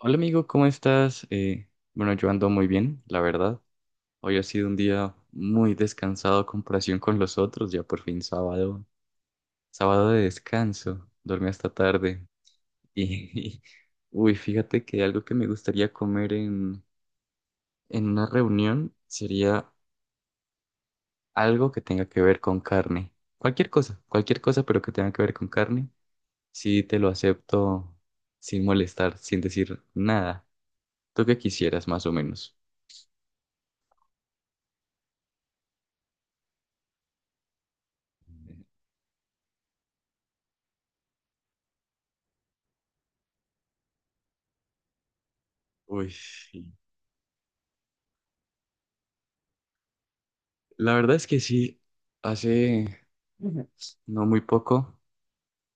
Hola amigo, ¿cómo estás? Bueno, yo ando muy bien, la verdad. Hoy ha sido un día muy descansado a comparación con los otros, ya por fin sábado, sábado de descanso. Dormí hasta tarde y, uy, fíjate que algo que me gustaría comer en una reunión sería algo que tenga que ver con carne. Cualquier cosa, pero que tenga que ver con carne. Sí, te lo acepto sin molestar, sin decir nada. ¿Tú qué quisieras, más o menos? Uy. La verdad es que sí, hace, ujú, no muy poco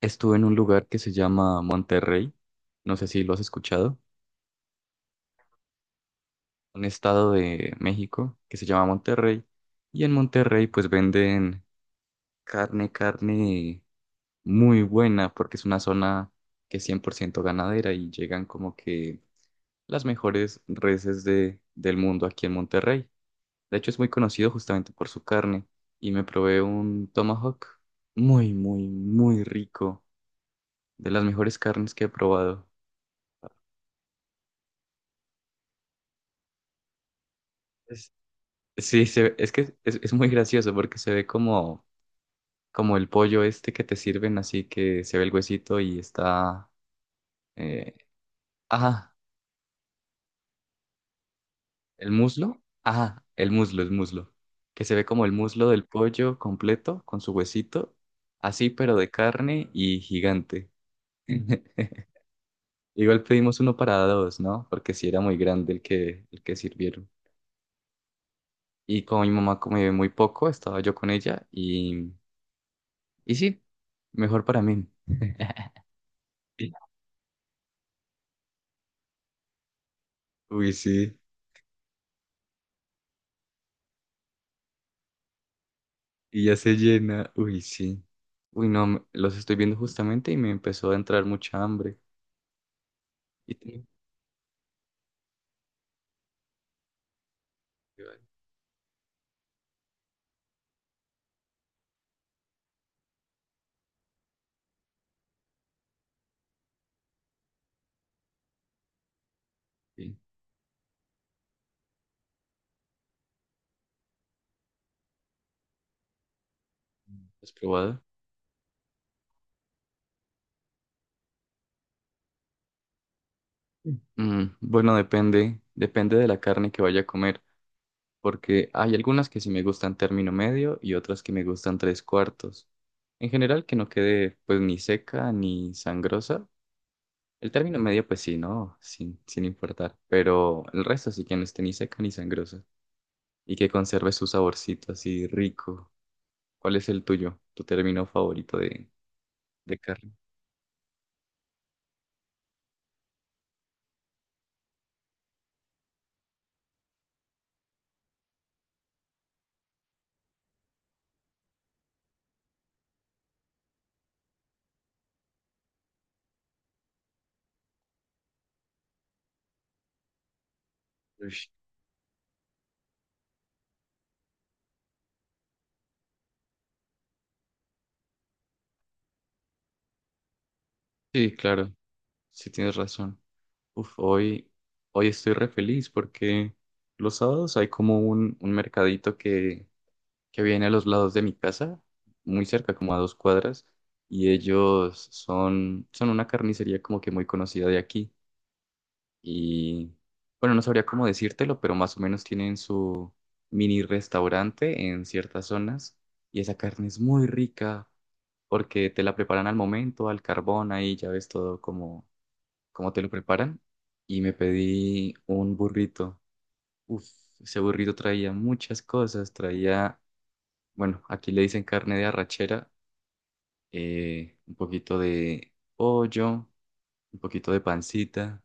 estuve en un lugar que se llama Monterrey, no sé si lo has escuchado, un estado de México que se llama Monterrey, y en Monterrey pues venden carne, carne muy buena porque es una zona que es 100% ganadera y llegan como que las mejores reses del mundo aquí en Monterrey. De hecho, es muy conocido justamente por su carne. Y me probé un tomahawk muy, muy, muy rico. De las mejores carnes que he probado. Es- sí, es que es muy gracioso porque se ve como el pollo este que te sirven, así que se ve el huesito y está, eh, ajá, el muslo. Ajá, el muslo, el muslo. Que se ve como el muslo del pollo completo con su huesito. Así, pero de carne y gigante. Igual pedimos uno para dos, ¿no? Porque sí era muy grande el que sirvieron. Y como mi mamá come muy poco, estaba yo con ella y sí, mejor para mí. Uy, sí. Y ya se llena. Uy, sí. Uy, no, los estoy viendo justamente y me empezó a entrar mucha hambre. Y tengo que- sí. ¿Has probado? Sí. Mm, bueno, depende, depende de la carne que vaya a comer, porque hay algunas que sí me gustan término medio y otras que me gustan tres cuartos. En general, que no quede pues ni seca ni sangrosa. El término medio, pues sí, ¿no? Sin importar. Pero el resto sí que no esté ni seca ni sangrosa. Y que conserve su saborcito así rico. ¿Cuál es el tuyo? ¿Tu término favorito de carne? Ush. Sí, claro. Sí tienes razón. Uf, hoy estoy re feliz porque los sábados hay como un mercadito que viene a los lados de mi casa, muy cerca, como a 2 cuadras, y ellos son una carnicería como que muy conocida de aquí. Y bueno, no sabría cómo decírtelo, pero más o menos tienen su mini restaurante en ciertas zonas, y esa carne es muy rica porque te la preparan al momento, al carbón, ahí ya ves todo como te lo preparan. Y me pedí un burrito. Uf, ese burrito traía muchas cosas, traía, bueno, aquí le dicen carne de arrachera, un poquito de pollo, un poquito de pancita,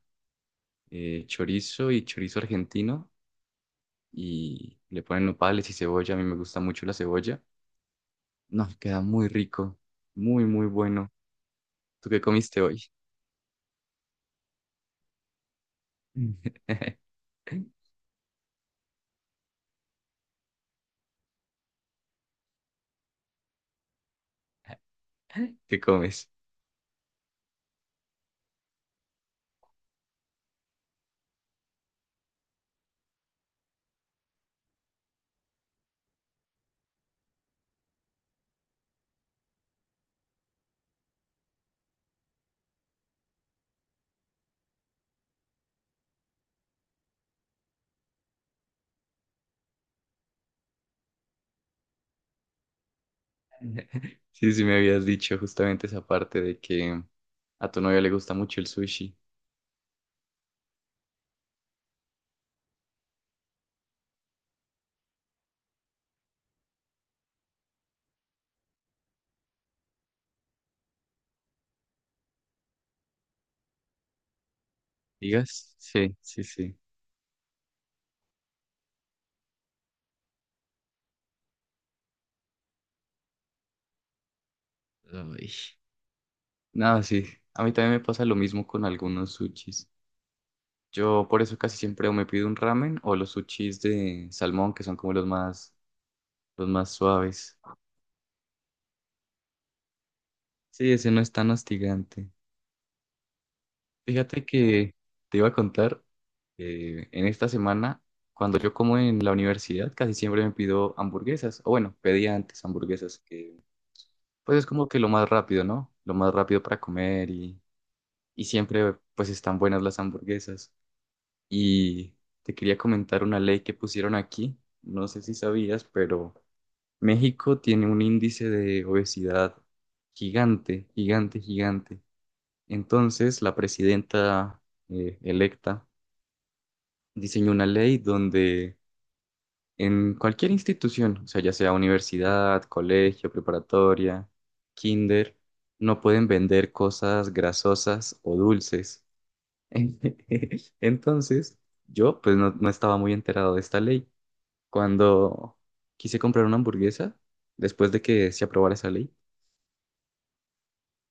chorizo y chorizo argentino y le ponen nopales y cebolla. A mí me gusta mucho la cebolla. No, queda muy rico, muy, muy bueno. ¿Tú qué comiste hoy? Mm. ¿Qué comes? Sí, sí me habías dicho justamente esa parte de que a tu novia le gusta mucho el sushi. ¿Digas? Sí, sí, sí. Ay. Nada, sí. A mí también me pasa lo mismo con algunos sushis. Yo por eso casi siempre o me pido un ramen o los sushis de salmón, que son como los más suaves. Sí, ese no es tan hostigante. Fíjate que te iba a contar que en esta semana, cuando yo como en la universidad, casi siempre me pido hamburguesas. O bueno, pedía antes hamburguesas, que pues es como que lo más rápido, ¿no? Lo más rápido para comer y siempre pues están buenas las hamburguesas. Y te quería comentar una ley que pusieron aquí. No sé si sabías, pero México tiene un índice de obesidad gigante, gigante, gigante. Entonces, la presidenta electa diseñó una ley donde en cualquier institución, o sea, ya sea universidad, colegio, preparatoria, kinder, no pueden vender cosas grasosas o dulces. Entonces, yo pues no estaba muy enterado de esta ley. Cuando quise comprar una hamburguesa, después de que se aprobara esa ley,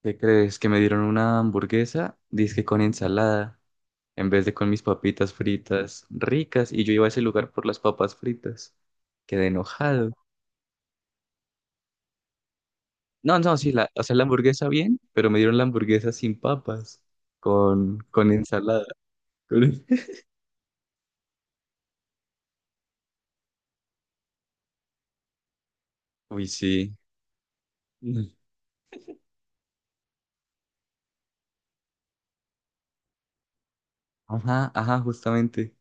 ¿qué crees? Que me dieron una hamburguesa, dizque con ensalada, en vez de con mis papitas fritas ricas, y yo iba a ese lugar por las papas fritas. Quedé enojado. No, no, sí, la, o sea, la hamburguesa bien, pero me dieron la hamburguesa sin papas, con ensalada. Uy, sí. Mm. Ajá, ajá, justamente.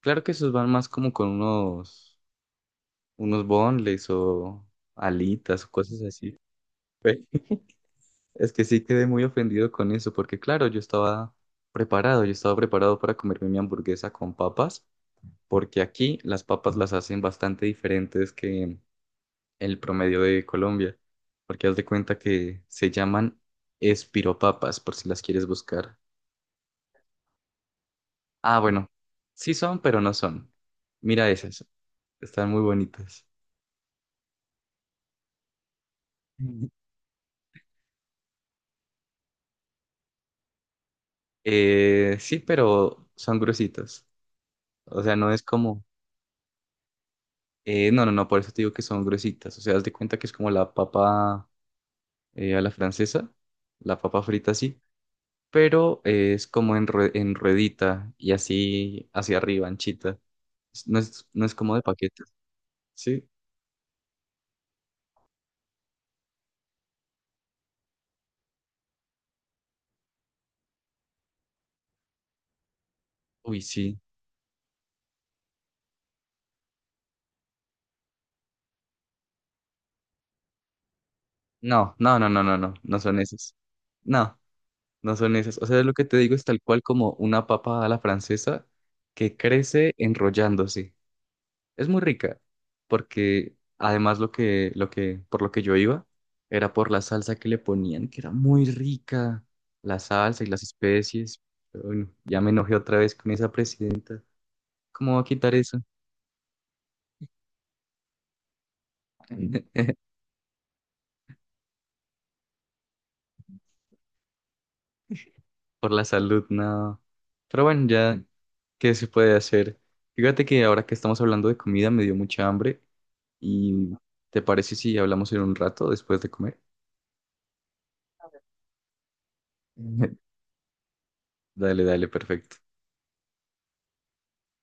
Claro que esos van más como con unos boneless o alitas o cosas así. Ve, es que sí quedé muy ofendido con eso, porque claro, yo estaba preparado para comerme mi hamburguesa con papas, porque aquí las papas las hacen bastante diferentes que el promedio de Colombia, porque haz de cuenta que se llaman espiropapas, por si las quieres buscar. Ah, bueno, sí son, pero no son. Mira esas, están muy bonitas. Sí, pero son gruesitas. O sea, no es como, no, no, no, por eso te digo que son gruesitas. O sea, haz de cuenta que es como la papa, a la francesa, la papa frita así, pero es como en ruedita y así hacia arriba, anchita. No es como de paquetes, ¿sí? Uy, sí. No, no, no, no, no, no, no son esas. No, no son esas. O sea, lo que te digo es tal cual como una papa a la francesa que crece enrollándose. Es muy rica, porque además por lo que yo iba, era por la salsa que le ponían, que era muy rica, la salsa y las especies. Pero bueno, ya me enojé otra vez con esa presidenta. ¿Cómo va a quitar eso? Por la salud, no. Pero bueno, ya, ¿qué se puede hacer? Fíjate que ahora que estamos hablando de comida me dio mucha hambre y ¿te parece si hablamos en un rato después de comer? Dale, dale, perfecto.